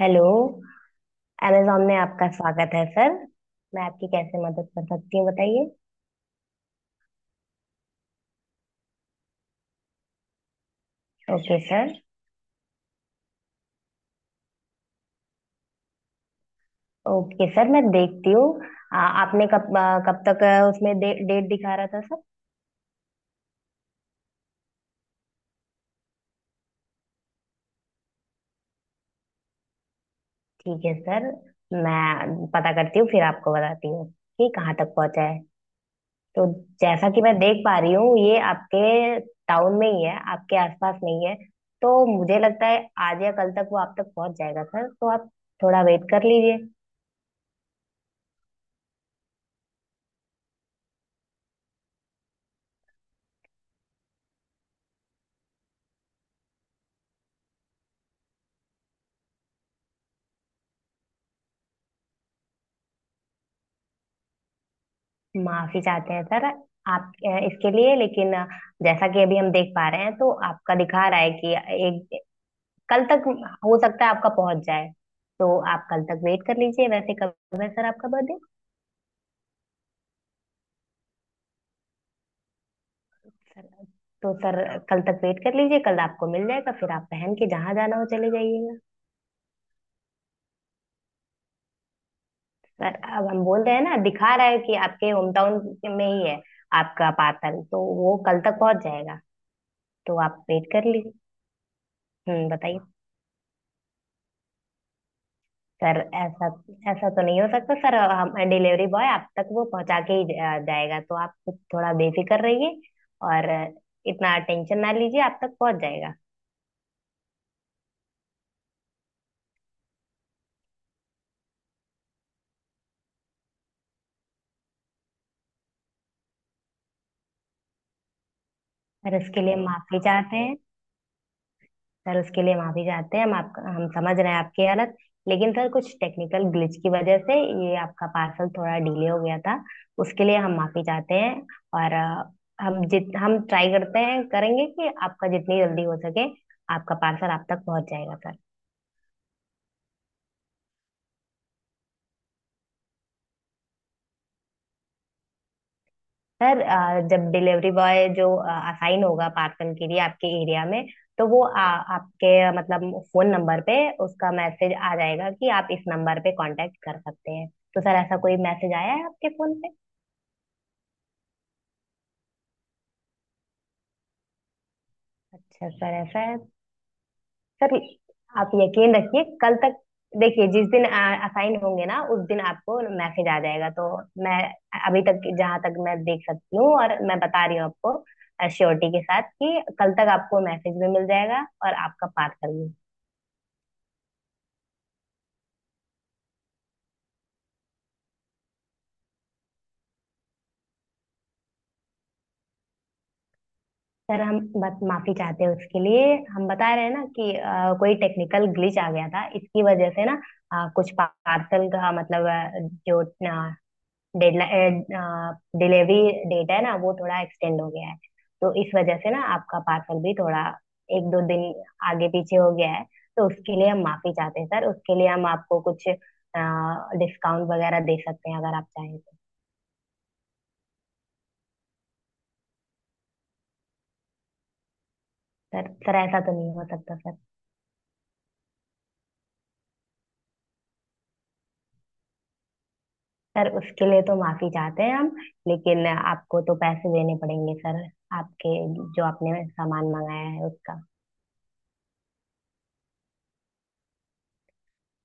Hello. Amazon में आपका स्वागत है सर। मैं आपकी कैसे मदद कर सकती हूँ बताइए। Okay sir. ओके सर मैं देखती हूँ। आपने कब कब तक उसमें डेट दिखा रहा था सर? ठीक है सर। मैं पता करती हूँ फिर आपको बताती हूँ कि कहाँ तक पहुँचा है। तो जैसा कि मैं देख पा रही हूँ ये आपके टाउन में ही है, आपके आसपास नहीं है। तो मुझे लगता है आज या कल तक वो आप तक पहुँच जाएगा सर, तो आप थोड़ा वेट कर लीजिए। माफी चाहते हैं सर आप इसके लिए, लेकिन जैसा कि अभी हम देख पा रहे हैं तो आपका दिखा रहा है कि एक कल तक हो सकता है आपका पहुंच जाए। तो आप कल तक वेट कर लीजिए। वैसे कब है सर आपका बर्थडे? सर सर, कल तक वेट कर लीजिए, कल आपको मिल जाएगा, फिर आप पहन के जहां जाना हो चले जाइएगा। सर अब हम बोल रहे हैं ना, दिखा रहा है कि आपके होम टाउन में ही है आपका पार्सल, तो वो कल तक पहुंच जाएगा, तो आप वेट कर लीजिए। हम्म, बताइए। सर ऐसा ऐसा तो नहीं हो सकता सर। हम डिलीवरी बॉय आप तक वो पहुंचा के ही जाएगा, तो आप कुछ थोड़ा बेफिक्र रहिए और इतना टेंशन ना लीजिए, आप तक पहुंच जाएगा। सर उसके लिए माफी चाहते हैं। सर उसके लिए माफी चाहते हैं हम, आपका हम समझ रहे हैं आपकी हालत, लेकिन सर कुछ टेक्निकल ग्लिच की वजह से ये आपका पार्सल थोड़ा डिले हो गया था। उसके लिए हम माफी चाहते हैं। और हम ट्राई करते हैं करेंगे कि आपका जितनी जल्दी हो सके आपका पार्सल आप तक पहुंच जाएगा सर सर जब डिलीवरी बॉय जो असाइन होगा पार्सल के लिए आपके एरिया में तो वो आपके मतलब फोन नंबर पे उसका मैसेज आ जाएगा कि आप इस नंबर पे कांटेक्ट कर सकते हैं। तो सर ऐसा कोई मैसेज आया है आपके फोन पे? अच्छा सर, ऐसा है। सर आप यकीन रखिए कल तक, देखिए जिस दिन असाइन होंगे ना उस दिन आपको मैसेज आ जाएगा। तो मैं अभी तक जहाँ तक मैं देख सकती हूँ और मैं बता रही हूँ आपको श्योरिटी के साथ कि कल तक आपको मैसेज भी मिल जाएगा और आपका पार्सल भी। सर हम बस माफी चाहते हैं उसके लिए। हम बता रहे हैं ना कि कोई टेक्निकल ग्लिच आ गया था इसकी वजह से ना। कुछ पार्सल का मतलब जो डेडलाइन, डिलीवरी डेट है ना वो थोड़ा एक्सटेंड हो गया है। तो इस वजह से ना आपका पार्सल भी थोड़ा एक दो दिन आगे पीछे हो गया है। तो उसके लिए हम माफी चाहते हैं सर। उसके लिए हम आपको कुछ डिस्काउंट वगैरह दे सकते हैं अगर आप चाहें तो। सर सर ऐसा तो नहीं हो सकता सर। सर उसके लिए तो माफी चाहते हैं हम, लेकिन आपको तो पैसे देने पड़ेंगे सर, आपके जो आपने सामान मंगाया है उसका।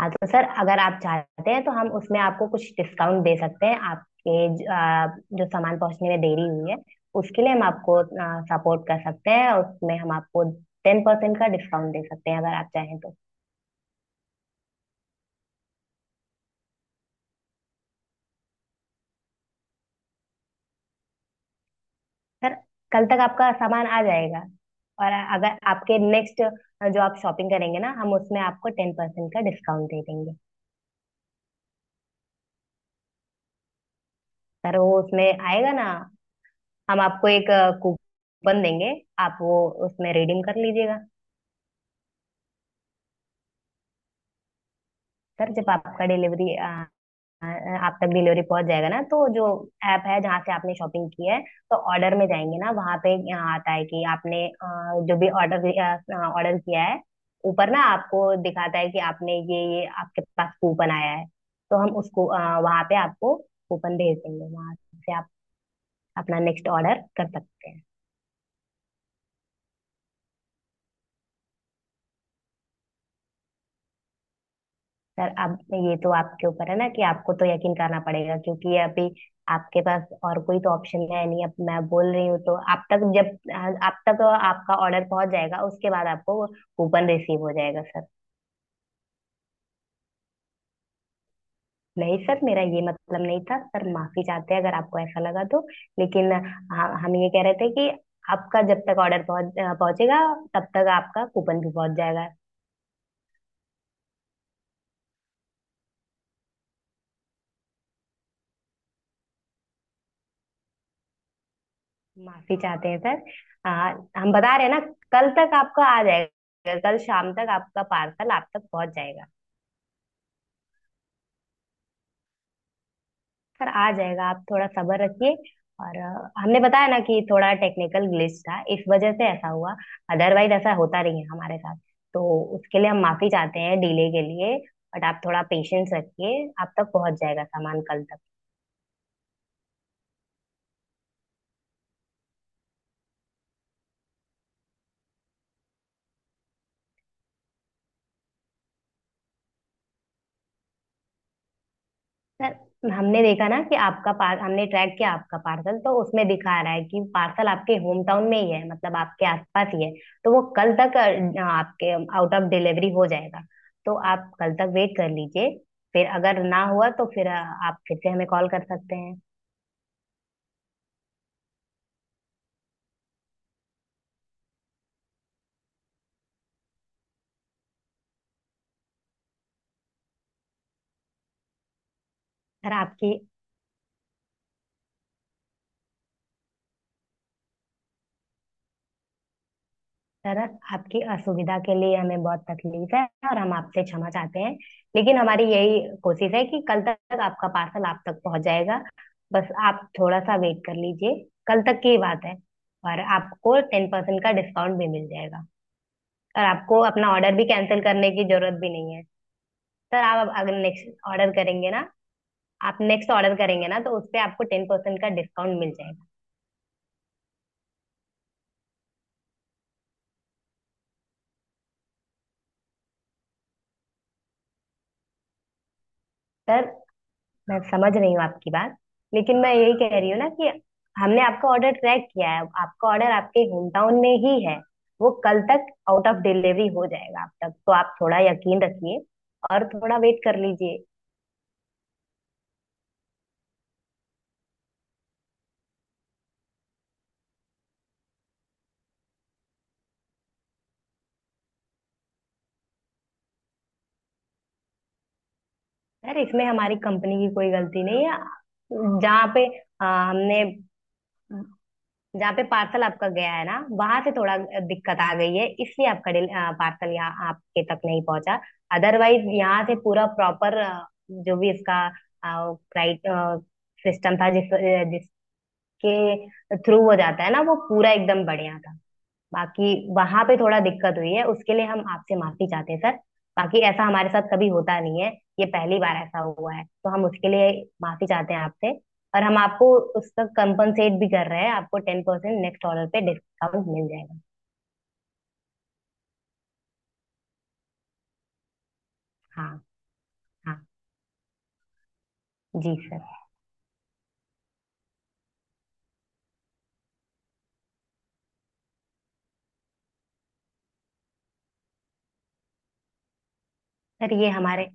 हाँ तो सर अगर आप चाहते हैं तो हम उसमें आपको कुछ डिस्काउंट दे सकते हैं आपके जो सामान पहुंचने में देरी हुई है उसके लिए हम आपको सपोर्ट कर सकते हैं और उसमें हम आपको 10% का डिस्काउंट दे सकते हैं अगर आप चाहें तो। सर कल तक आपका सामान आ जाएगा और अगर आपके नेक्स्ट जो आप शॉपिंग करेंगे ना हम उसमें आपको 10% का डिस्काउंट दे देंगे। सर वो उसमें आएगा ना, हम आपको एक कूपन देंगे, आप वो उसमें रिडीम कर लीजिएगा। सर जब आपका डिलीवरी पहुंच जाएगा ना तो जो ऐप है जहाँ से आपने शॉपिंग की है तो ऑर्डर में जाएंगे ना वहाँ पे आता है कि आपने जो भी ऑर्डर ऑर्डर किया है ऊपर ना आपको दिखाता है कि आपने ये आपके पास कूपन आया है। तो हम उसको वहाँ पे आपको कूपन भेज देंगे, वहाँ से आप अपना नेक्स्ट ऑर्डर कर सकते हैं। सर अब ये तो आपके ऊपर है ना कि आपको तो यकीन करना पड़ेगा, क्योंकि ये अभी आपके पास और कोई तो ऑप्शन है नहीं, अब मैं बोल रही हूँ तो आप तक जब आप तक आपका ऑर्डर पहुंच जाएगा उसके बाद आपको कूपन रिसीव हो जाएगा सर। नहीं सर, मेरा ये मतलब नहीं था सर, माफी चाहते हैं अगर आपको ऐसा लगा तो। लेकिन हाँ, हम ये कह रहे थे कि आपका जब तक ऑर्डर पहुंचेगा तब तक आपका कूपन भी पहुंच जाएगा। माफी चाहते हैं सर। आ, हम बता रहे हैं ना, कल तक आपका आ जाएगा, कल शाम तक आपका पार्सल आप तक पहुंच जाएगा। सर आ जाएगा, आप थोड़ा सब्र रखिए। और हमने बताया ना कि थोड़ा टेक्निकल ग्लिच था इस वजह से ऐसा हुआ, अदरवाइज ऐसा होता नहीं है हमारे साथ। तो उसके लिए हम माफी चाहते हैं डिले के लिए। बट आप थोड़ा पेशेंस रखिए, आप तक पहुंच जाएगा सामान कल तक। सर हमने देखा ना कि आपका पार हमने ट्रैक किया आपका पार्सल तो उसमें दिखा रहा है कि पार्सल आपके होम टाउन में ही है, मतलब आपके आसपास ही है। तो वो कल तक आपके आउट ऑफ डिलीवरी हो जाएगा, तो आप कल तक वेट कर लीजिए। फिर अगर ना हुआ तो फिर आप फिर से हमें कॉल कर सकते हैं। सर आपकी सर, आपकी असुविधा के लिए हमें बहुत तकलीफ है और हम आपसे क्षमा चाहते हैं, लेकिन हमारी यही कोशिश है कि कल तक आपका पार्सल आप तक पहुंच जाएगा। बस आप थोड़ा सा वेट कर लीजिए, कल तक की बात है। और आपको टेन परसेंट का डिस्काउंट भी मिल जाएगा, और आपको अपना ऑर्डर भी कैंसिल करने की जरूरत भी नहीं है। सर आप अब अगर नेक्स्ट ऑर्डर करेंगे ना, आप नेक्स्ट ऑर्डर करेंगे ना तो उस पे आपको 10% का डिस्काउंट मिल जाएगा। सर, मैं समझ रही हूँ आपकी बात, लेकिन मैं यही कह रही हूँ ना कि हमने आपका ऑर्डर ट्रैक किया है, आपका ऑर्डर आपके होम टाउन में ही है, वो कल तक आउट ऑफ डिलीवरी हो जाएगा आप तक, तो आप थोड़ा यकीन रखिए और थोड़ा वेट कर लीजिए। यार इसमें हमारी कंपनी की कोई गलती नहीं है, जहाँ पे हमने जहाँ पे पार्सल आपका गया है ना वहां से थोड़ा दिक्कत आ गई है, इसलिए आपका पार्सल यहाँ आपके तक नहीं पहुंचा। अदरवाइज यहाँ से पूरा प्रॉपर जो भी इसका क्राइट सिस्टम था जिसके थ्रू हो जाता है ना वो पूरा एकदम बढ़िया था। बाकी वहां पे थोड़ा दिक्कत हुई है, उसके लिए हम आपसे माफी चाहते हैं सर। बाकी ऐसा हमारे साथ कभी होता नहीं है, ये पहली बार ऐसा हुआ है तो हम उसके लिए माफी चाहते हैं आपसे। और हम आपको उसका कंपनसेट भी कर रहे हैं, आपको टेन परसेंट नेक्स्ट ऑर्डर पे डिस्काउंट मिल जाएगा। हाँ, हाँ जी सर। सर ये हमारे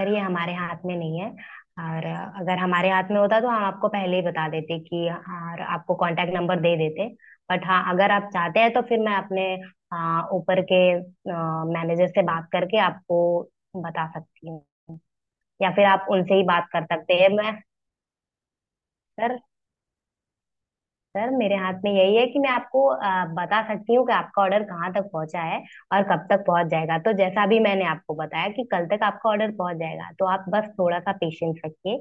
सर, ये हमारे हाथ में नहीं है, और अगर हमारे हाथ में होता तो हम आपको पहले ही बता देते कि और आपको कांटेक्ट नंबर दे देते। बट हाँ अगर आप चाहते हैं तो फिर मैं अपने ऊपर के मैनेजर से बात करके आपको बता सकती हूँ, या फिर आप उनसे ही बात कर सकते हैं मैं। सर सर मेरे हाथ में यही है कि मैं आपको बता सकती हूँ कि आपका ऑर्डर कहाँ तक पहुँचा है और कब तक पहुँच जाएगा। तो जैसा भी मैंने आपको बताया कि कल तक आपका ऑर्डर पहुँच जाएगा तो आप बस थोड़ा सा पेशेंस रखिए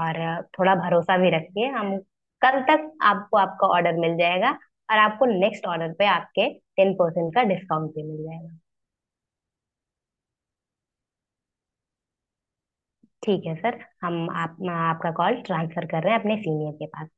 और थोड़ा भरोसा भी रखिए। हम कल तक आपको आपका ऑर्डर मिल जाएगा और आपको नेक्स्ट ऑर्डर पे आपके 10% का डिस्काउंट भी मिल जाएगा। ठीक है सर, हम आपका कॉल ट्रांसफर कर रहे हैं अपने सीनियर के पास।